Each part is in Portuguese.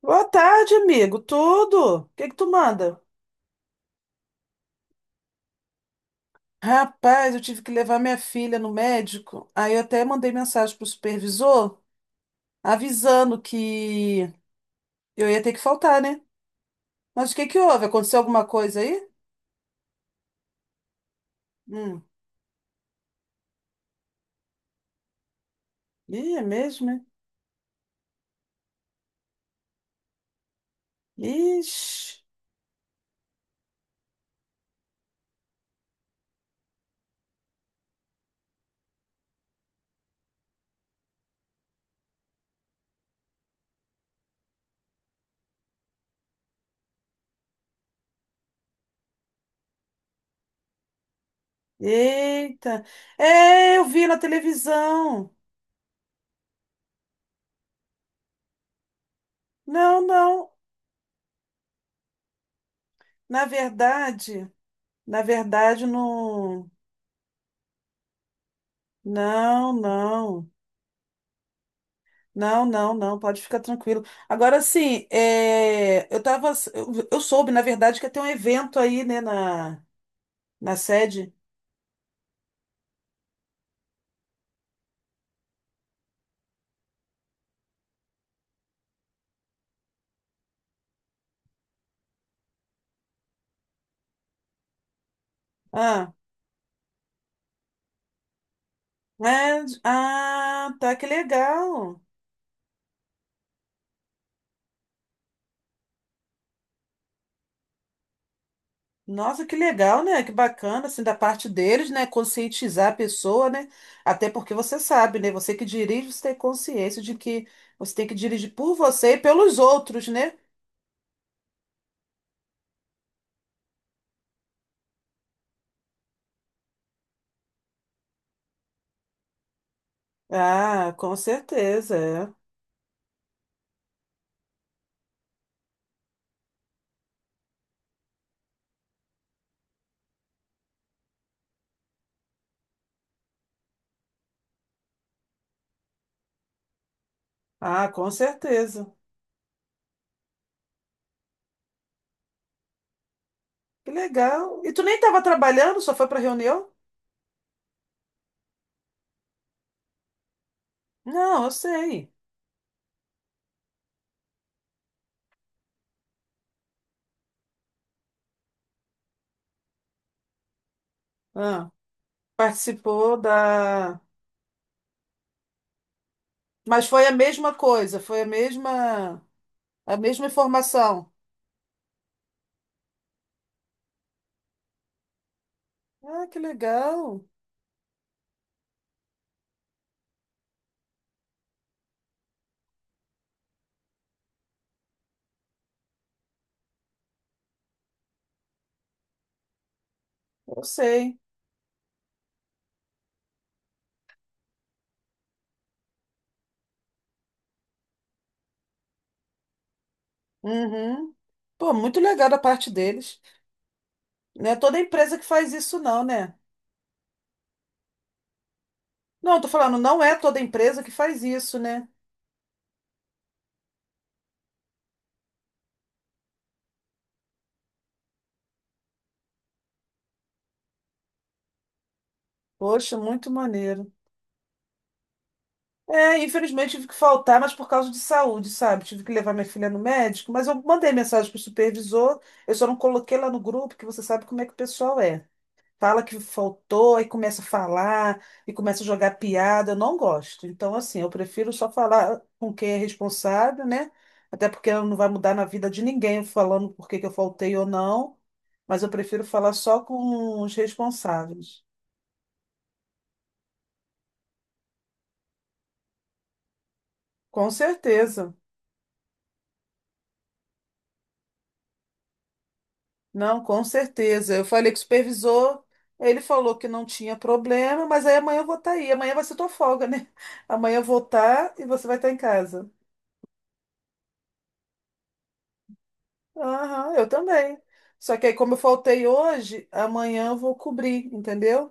Boa tarde, amigo. Tudo? O que que tu manda? Rapaz, eu tive que levar minha filha no médico. Aí eu até mandei mensagem pro supervisor avisando que eu ia ter que faltar, né? Mas o que que houve? Aconteceu alguma coisa aí? Hum. Ih, é mesmo, né? Ixi. Eita. É, eu vi na televisão. Não, não. Na verdade, na verdade, não. Não, não. Não, não, não, pode ficar tranquilo. Agora, assim, eu tava, eu soube, na verdade, que ia ter um evento aí, né, na sede. Ah, é, ah, tá, que legal. Nossa, que legal, né? Que bacana, assim, da parte deles, né? Conscientizar a pessoa, né? Até porque você sabe, né? Você que dirige, você tem consciência de que você tem que dirigir por você e pelos outros, né? Ah, com certeza, é. Ah, com certeza. Que legal. E tu nem estava trabalhando, só foi para reunião? Não, eu sei. Ah, participou da. Mas foi a mesma coisa, foi a mesma informação. Ah, que legal. Eu sei. Uhum. Pô, muito legal da parte deles. Não é toda empresa que faz isso, não, né? Não, eu tô falando, não é toda empresa que faz isso, né? Poxa, muito maneiro. É, infelizmente tive que faltar, mas por causa de saúde, sabe? Tive que levar minha filha no médico, mas eu mandei mensagem pro supervisor, eu só não coloquei lá no grupo, que você sabe como é que o pessoal é. Fala que faltou, aí começa a falar, e começa a jogar piada, eu não gosto. Então, assim, eu prefiro só falar com quem é responsável, né? Até porque não vai mudar na vida de ninguém falando por que que eu faltei ou não, mas eu prefiro falar só com os responsáveis. Com certeza. Não, com certeza. Eu falei com o supervisor, ele falou que não tinha problema, mas aí amanhã eu vou estar aí. Amanhã vai ser tua folga, né? Amanhã eu vou estar e você vai estar em casa. Aham, eu também. Só que aí, como eu faltei hoje, amanhã eu vou cobrir, entendeu?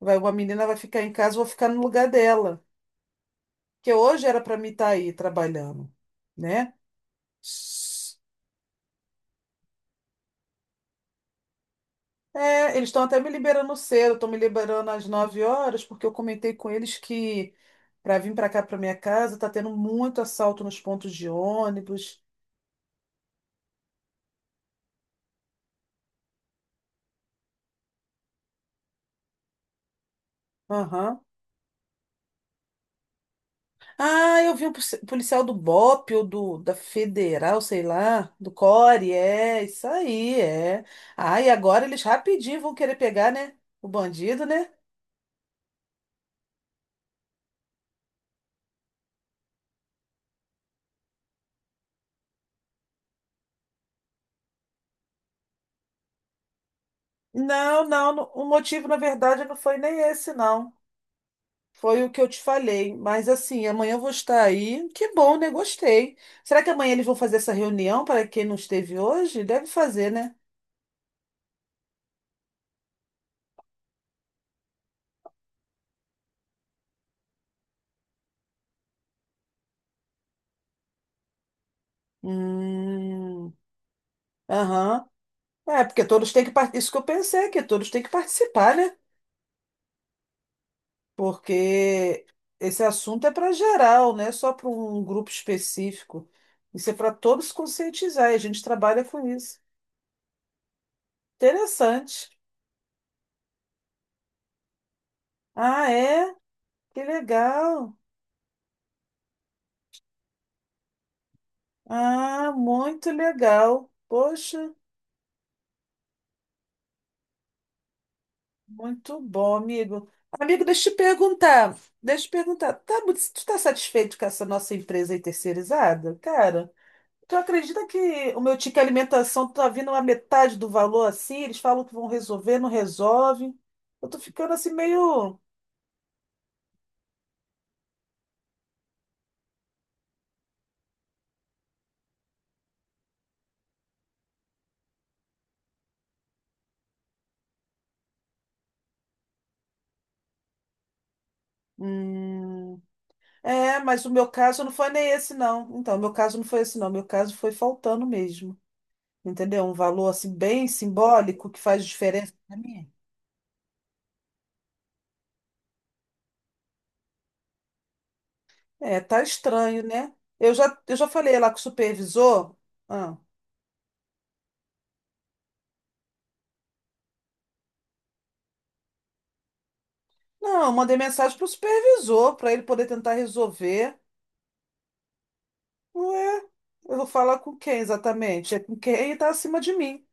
Vai, uma menina vai ficar em casa, eu vou ficar no lugar dela. Porque hoje era para mim estar aí trabalhando, né? É, eles estão até me liberando cedo, estão me liberando às 9 horas, porque eu comentei com eles que para vir para cá, para minha casa, tá tendo muito assalto nos pontos de ônibus. Aham. Ah, eu vi um policial do BOP ou da Federal, sei lá, do CORE, é, isso aí, é. Ah, e agora eles rapidinho vão querer pegar, né? O bandido, né? Não, o motivo, na verdade, não foi nem esse, não. Foi o que eu te falei. Mas assim, amanhã eu vou estar aí. Que bom, né? Gostei. Será que amanhã eles vão fazer essa reunião para quem não esteve hoje? Deve fazer, né? Hum. Aham. É, porque todos têm que participar. Isso que eu pensei, que todos têm que participar, né? Porque esse assunto é para geral, não é só para um grupo específico. Isso é para todos conscientizar. E a gente trabalha com isso. Interessante. Ah, é? Que legal. Ah, muito legal. Poxa. Muito bom, amigo. Amigo, deixa eu te perguntar. Deixa eu te perguntar. Tu tá satisfeito com essa nossa empresa aí terceirizada? Cara, tu acredita que o meu ticket alimentação tá vindo a metade do valor assim? Eles falam que vão resolver, não resolve. Eu tô ficando assim meio. Hum, é, mas o meu caso não foi nem esse, não. Então, o meu caso não foi esse, não. O meu caso foi faltando mesmo. Entendeu? Um valor assim bem simbólico que faz diferença para mim. É, tá estranho, né? Eu já falei lá com o supervisor. Ah, não, eu mandei mensagem pro supervisor para ele poder tentar resolver. Ué, eu vou falar com quem exatamente? É com quem tá acima de mim.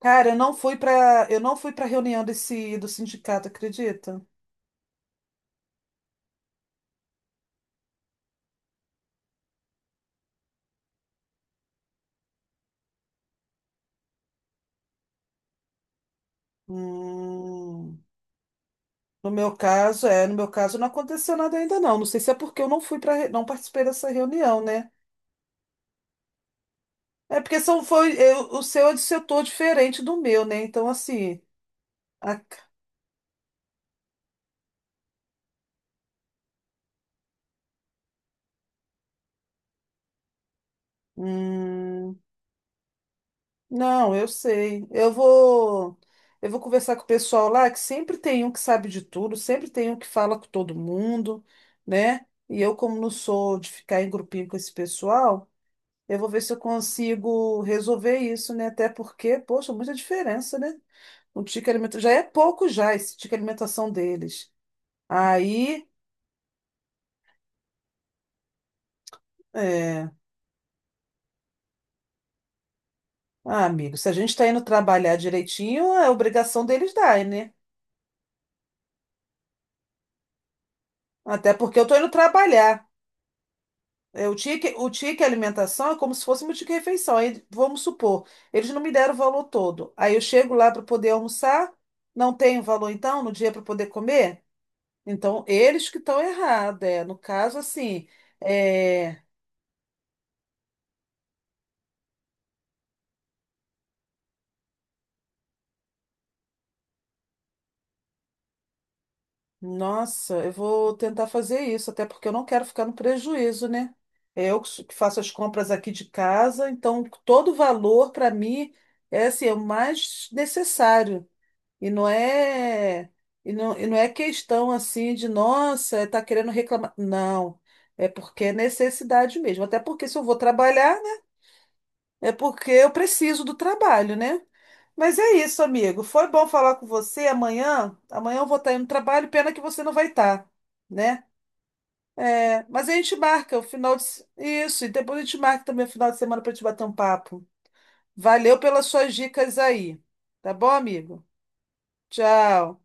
Cara, eu não fui para reunião desse do sindicato, acredita? Hum, no meu caso não aconteceu nada ainda não. Não sei se é porque eu não fui para não participei dessa reunião, né? É porque são foi eu- O seu é de setor diferente do meu, né? Então assim, hum, não, eu sei. Eu vou conversar com o pessoal lá, que sempre tem um que sabe de tudo, sempre tem um que fala com todo mundo, né? E eu, como não sou de ficar em grupinho com esse pessoal, eu vou ver se eu consigo resolver isso, né? Até porque, poxa, muita diferença, né? Um ticket alimentação já é pouco Já esse ticket alimentação deles. Aí, é... ah, amigo, se a gente está indo trabalhar direitinho, é obrigação deles dar, né? Até porque eu tô indo trabalhar. O ticket, o ticket alimentação é como se fosse meu ticket refeição. Aí, vamos supor, eles não me deram o valor todo. Aí eu chego lá para poder almoçar, não tenho valor então no dia para poder comer? Então, eles que estão errados. É. No caso, assim, é, nossa, eu vou tentar fazer isso, até porque eu não quero ficar no prejuízo, né? Que faço as compras aqui de casa, então todo valor para mim é assim, é o mais necessário. E não é, e não é questão assim de, nossa, tá querendo reclamar. Não, é porque é necessidade mesmo. Até porque se eu vou trabalhar, né? É porque eu preciso do trabalho, né? Mas é isso, amigo. Foi bom falar com você amanhã. Amanhã eu vou estar indo no trabalho, pena que você não vai estar, né? É, mas a gente marca o final de... Isso, e depois a gente marca também o final de semana para te bater um papo. Valeu pelas suas dicas aí. Tá bom, amigo? Tchau.